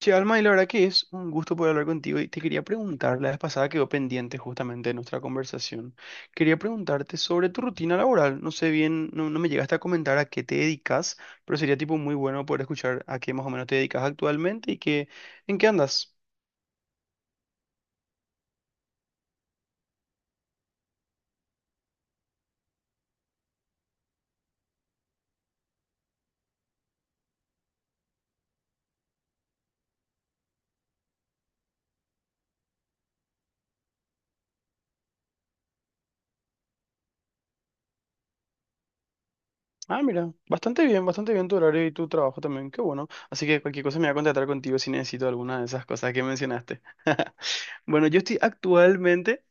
Che, Alma, y la verdad que es un gusto poder hablar contigo y te quería preguntar, la vez pasada quedó pendiente justamente de nuestra conversación, quería preguntarte sobre tu rutina laboral, no sé bien, no me llegaste a comentar a qué te dedicas, pero sería tipo muy bueno poder escuchar a qué más o menos te dedicas actualmente y qué, en qué andas. Ah, mira, bastante bien tu horario y tu trabajo también, qué bueno. Así que cualquier cosa me voy a contactar contigo si necesito alguna de esas cosas que mencionaste. Bueno, yo estoy actualmente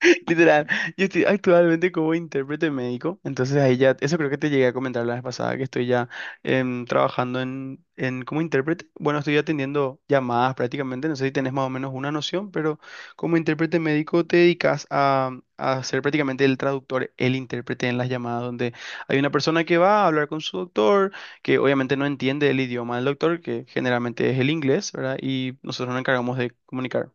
literal, yo estoy actualmente como intérprete médico, entonces ahí ya, eso creo que te llegué a comentar la vez pasada, que estoy ya trabajando en como intérprete. Bueno, estoy atendiendo llamadas prácticamente, no sé si tenés más o menos una noción, pero como intérprete médico te dedicas a ser prácticamente el traductor, el intérprete en las llamadas, donde hay una persona que va a hablar con su doctor, que obviamente no entiende el idioma del doctor, que generalmente es el inglés, ¿verdad? Y nosotros nos encargamos de comunicar.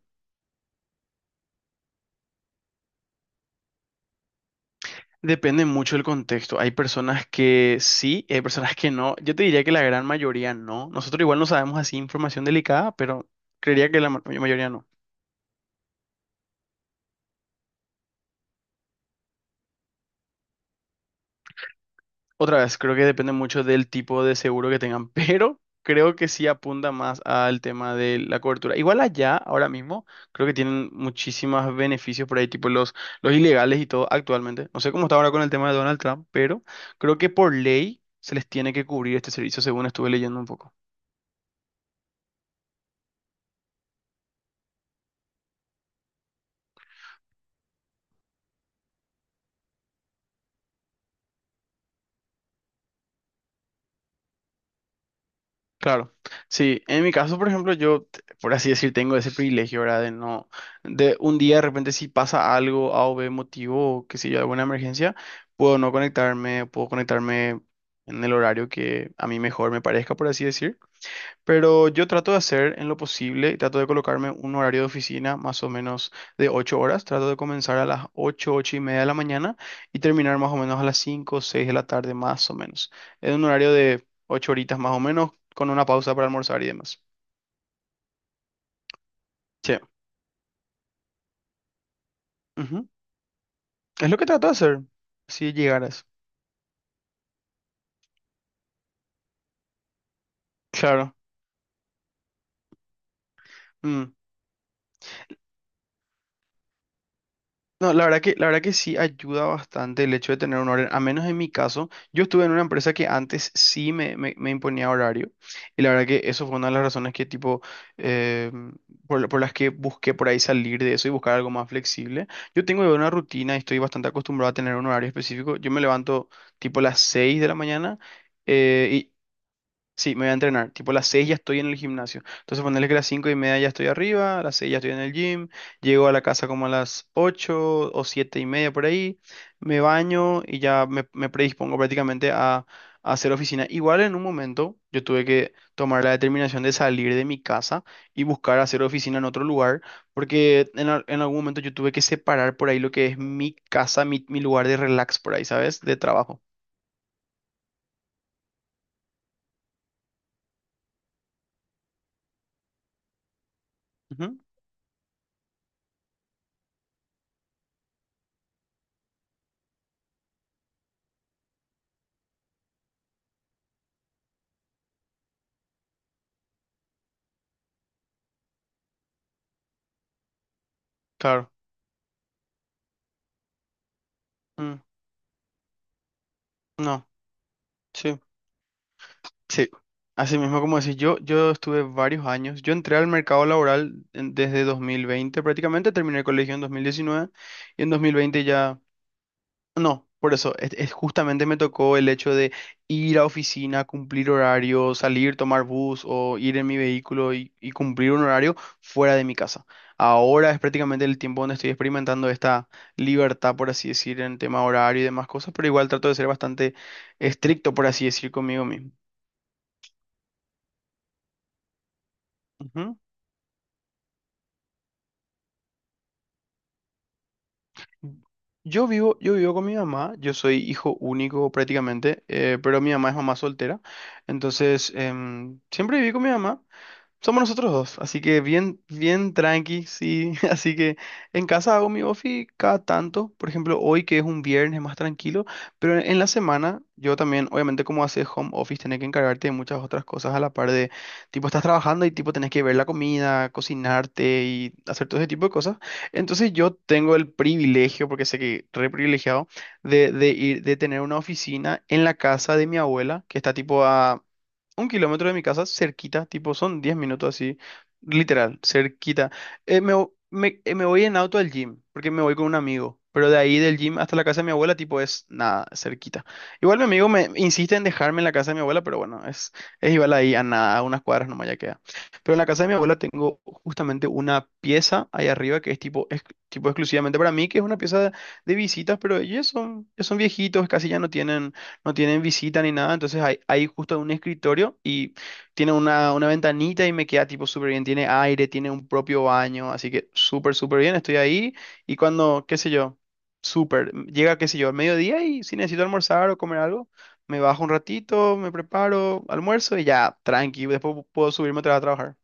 Depende mucho del contexto. Hay personas que sí, hay personas que no. Yo te diría que la gran mayoría no. Nosotros igual no sabemos así información delicada, pero creería que la mayoría no. Otra vez, creo que depende mucho del tipo de seguro que tengan, pero creo que sí apunta más al tema de la cobertura. Igual allá, ahora mismo, creo que tienen muchísimos beneficios por ahí, tipo los ilegales y todo actualmente. No sé cómo está ahora con el tema de Donald Trump, pero creo que por ley se les tiene que cubrir este servicio, según estuve leyendo un poco. Claro, sí, en mi caso, por ejemplo, yo, por así decir, tengo ese privilegio, ¿verdad? De no, de un día de repente si pasa algo, A o B motivo, o qué sé yo, alguna emergencia, puedo no conectarme, puedo conectarme en el horario que a mí mejor me parezca, por así decir. Pero yo trato de hacer en lo posible, trato de colocarme un horario de oficina más o menos de 8 horas, trato de comenzar a las 8 8:30 de la mañana y terminar más o menos a las 5 o 6 de la tarde más o menos. Es un horario de 8 horitas más o menos, con una pausa para almorzar y demás. Sí. Ujú. Es lo que trato de hacer, si llegaras. Claro. Mm. No, la verdad que sí ayuda bastante el hecho de tener un horario, a menos en mi caso, yo estuve en una empresa que antes sí me imponía horario y la verdad que eso fue una de las razones que tipo, eh, por, por las que busqué por ahí salir de eso y buscar algo más flexible. Yo tengo ya una rutina y estoy bastante acostumbrado a tener un horario específico, yo me levanto tipo las 6 de la mañana eh, sí, me voy a entrenar. Tipo, a las 6 ya estoy en el gimnasio. Entonces, ponerle que a las 5:30 ya estoy arriba, a las 6 ya estoy en el gym, llego a la casa como a las 8 o 7:30 por ahí, me baño y ya me, predispongo prácticamente a hacer oficina. Igual en un momento yo tuve que tomar la determinación de salir de mi casa y buscar hacer oficina en otro lugar, porque en algún momento yo tuve que separar por ahí lo que es mi casa, mi lugar de relax por ahí, ¿sabes? De trabajo. Ujú, claro. Mm, no, sí. Sí, así mismo como decís, yo estuve varios años, yo entré al mercado laboral desde 2020, prácticamente, terminé el colegio en 2019 y en 2020 ya, no, por eso, es justamente me tocó el hecho de ir a oficina, cumplir horario, salir, tomar bus o ir en mi vehículo y cumplir un horario fuera de mi casa. Ahora es prácticamente el tiempo donde estoy experimentando esta libertad, por así decir, en tema horario y demás cosas, pero igual trato de ser bastante estricto, por así decir, conmigo mismo. Yo vivo con mi mamá, yo soy hijo único prácticamente, pero mi mamá es mamá soltera, entonces siempre viví con mi mamá. Somos nosotros dos, así que bien, bien tranqui, sí. Así que en casa hago mi ofi cada tanto. Por ejemplo, hoy que es un viernes más tranquilo, pero en la semana yo también, obviamente como haces home office, tenés que encargarte de muchas otras cosas a la par de, tipo, estás trabajando y tipo tenés que ver la comida, cocinarte y hacer todo ese tipo de cosas. Entonces yo tengo el privilegio, porque sé que re privilegiado, de ir, de tener una oficina en la casa de mi abuela, que está tipo a 1 kilómetro de mi casa, cerquita, tipo, son 10 minutos así, literal, cerquita. Me voy en auto al gym, porque me voy con un amigo, pero de ahí del gym hasta la casa de mi abuela, tipo, es nada, cerquita. Igual mi amigo me insiste en dejarme en la casa de mi abuela, pero bueno, es igual ahí a nada, a unas cuadras nomás ya queda. Pero en la casa de mi abuela tengo justamente una pieza ahí arriba que es tipo, tipo exclusivamente para mí, que es una pieza de visitas, pero ellos son, ya son viejitos, casi ya no tienen visita ni nada, entonces hay justo un escritorio y tiene una ventanita y me queda tipo súper bien, tiene aire, tiene un propio baño, así que súper, súper bien, estoy ahí y cuando, qué sé yo, súper, llega, qué sé yo, al mediodía y si necesito almorzar o comer algo, me bajo un ratito, me preparo, almuerzo y ya, tranqui, después puedo subirme otra vez a trabajar.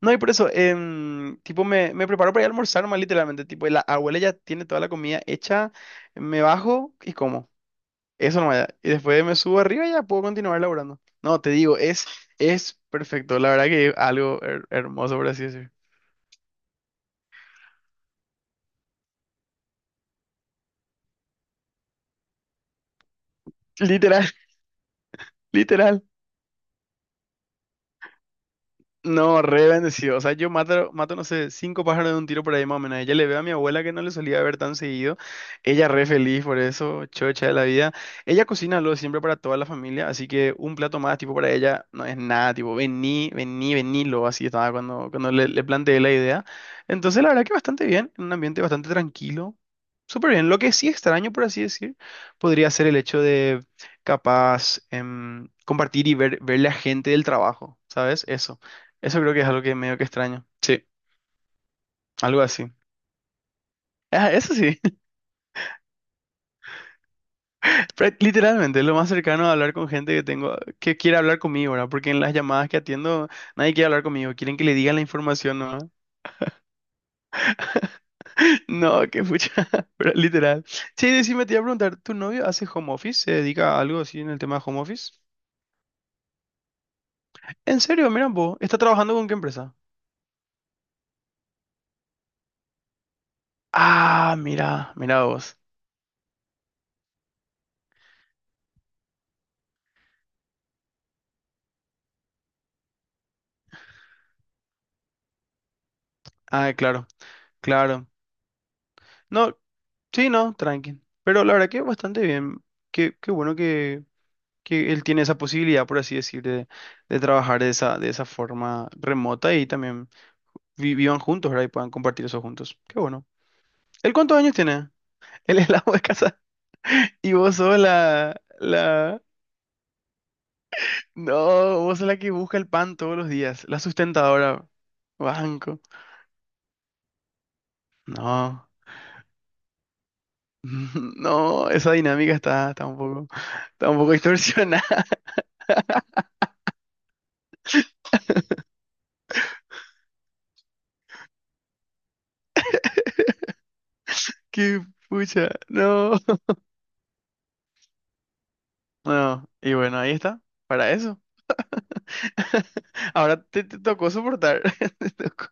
No, y por eso, tipo, me preparo para ir a almorzar más literalmente, tipo, la abuela ya tiene toda la comida hecha, me bajo y como. Eso no me da. Y después me subo arriba y ya puedo continuar laburando. No, te digo, es perfecto. La verdad que es algo hermoso, por así decir. Literal, literal. No, re bendecido. O sea, yo mato, mato, no sé, cinco pájaros de un tiro por ahí más o menos. Ella le veo a mi abuela que no le solía ver tan seguido. Ella re feliz por eso, chocha de la vida. Ella cocina lo de siempre para toda la familia, así que un plato más, tipo, para ella no es nada, tipo, vení, vení, venilo, así estaba cuando le planteé la idea. Entonces, la verdad que bastante bien, en un ambiente bastante tranquilo. Súper bien. Lo que sí extraño, por así decir, podría ser el hecho de capaz compartir y ver la gente del trabajo, ¿sabes? Eso. Eso creo que es algo que medio que extraño. Sí, algo así. Ah, eso sí, pero literalmente es lo más cercano a hablar con gente que tengo, que quiere hablar conmigo, ¿verdad? Porque en las llamadas que atiendo nadie quiere hablar conmigo, quieren que le digan la información, ¿no? No, qué pucha, pero literal. Sí, decime, te iba a preguntar, ¿tu novio hace home office? ¿Se dedica a algo así en el tema de home office? En serio, mira vos, ¿está trabajando con qué empresa? Ah, mira, mira vos. Ah, claro, claro. No, sí, no, tranqui. Pero la verdad que bastante bien. Qué bueno que él tiene esa posibilidad, por así decir, de trabajar de esa forma remota y también vivan juntos, ¿verdad? Y puedan compartir eso juntos. Qué bueno. ¿Él cuántos años tiene? Él es la ama de casa, y vos sos la... No, vos sos la que busca el pan todos los días, la sustentadora. Banco. No. No, esa dinámica está un poco distorsionada. Qué pucha. No. No. Y bueno, ahí está. Para eso. Ahora te tocó soportar. Te tocó.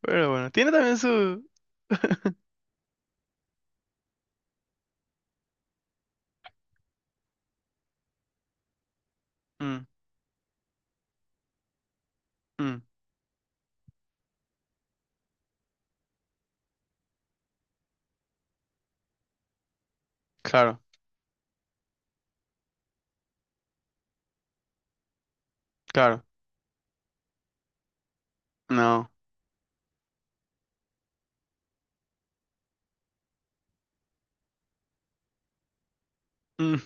Pero bueno, tiene también su... Mm, mm, claro, claro. No. Mm,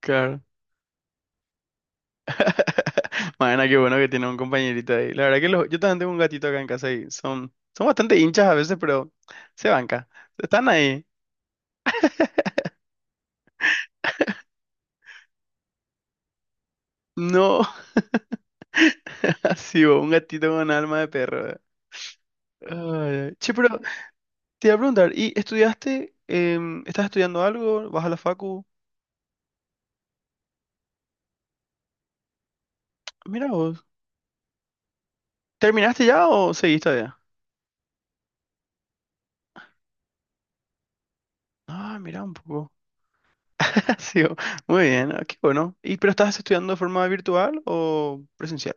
claro. Mañana, qué bueno que tiene un compañerito ahí. La verdad que yo también tengo un gatito acá en casa y son bastante hinchas a veces, pero se banca. Están ahí. No, así, vos, un gatito con alma de perro. Ay, ay. Che, pero te iba a preguntar, ¿y estudiaste? ¿Estás estudiando algo? ¿Vas a la facu? Mira vos. ¿Terminaste ya o seguís todavía? Ah, mira un poco. Ha sido- Muy bien, ah, qué bueno. ¿Y pero estás estudiando de forma virtual o presencial?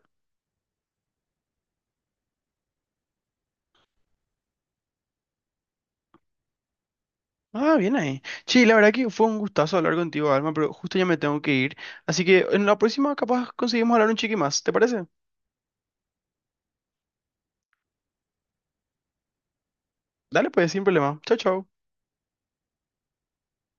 Ah, bien ahí. Sí, la verdad que fue un gustazo hablar contigo, Alma, pero justo ya me tengo que ir. Así que en la próxima capaz conseguimos hablar un chiqui más, ¿te parece? Dale, pues, sin problema. Chao, chao.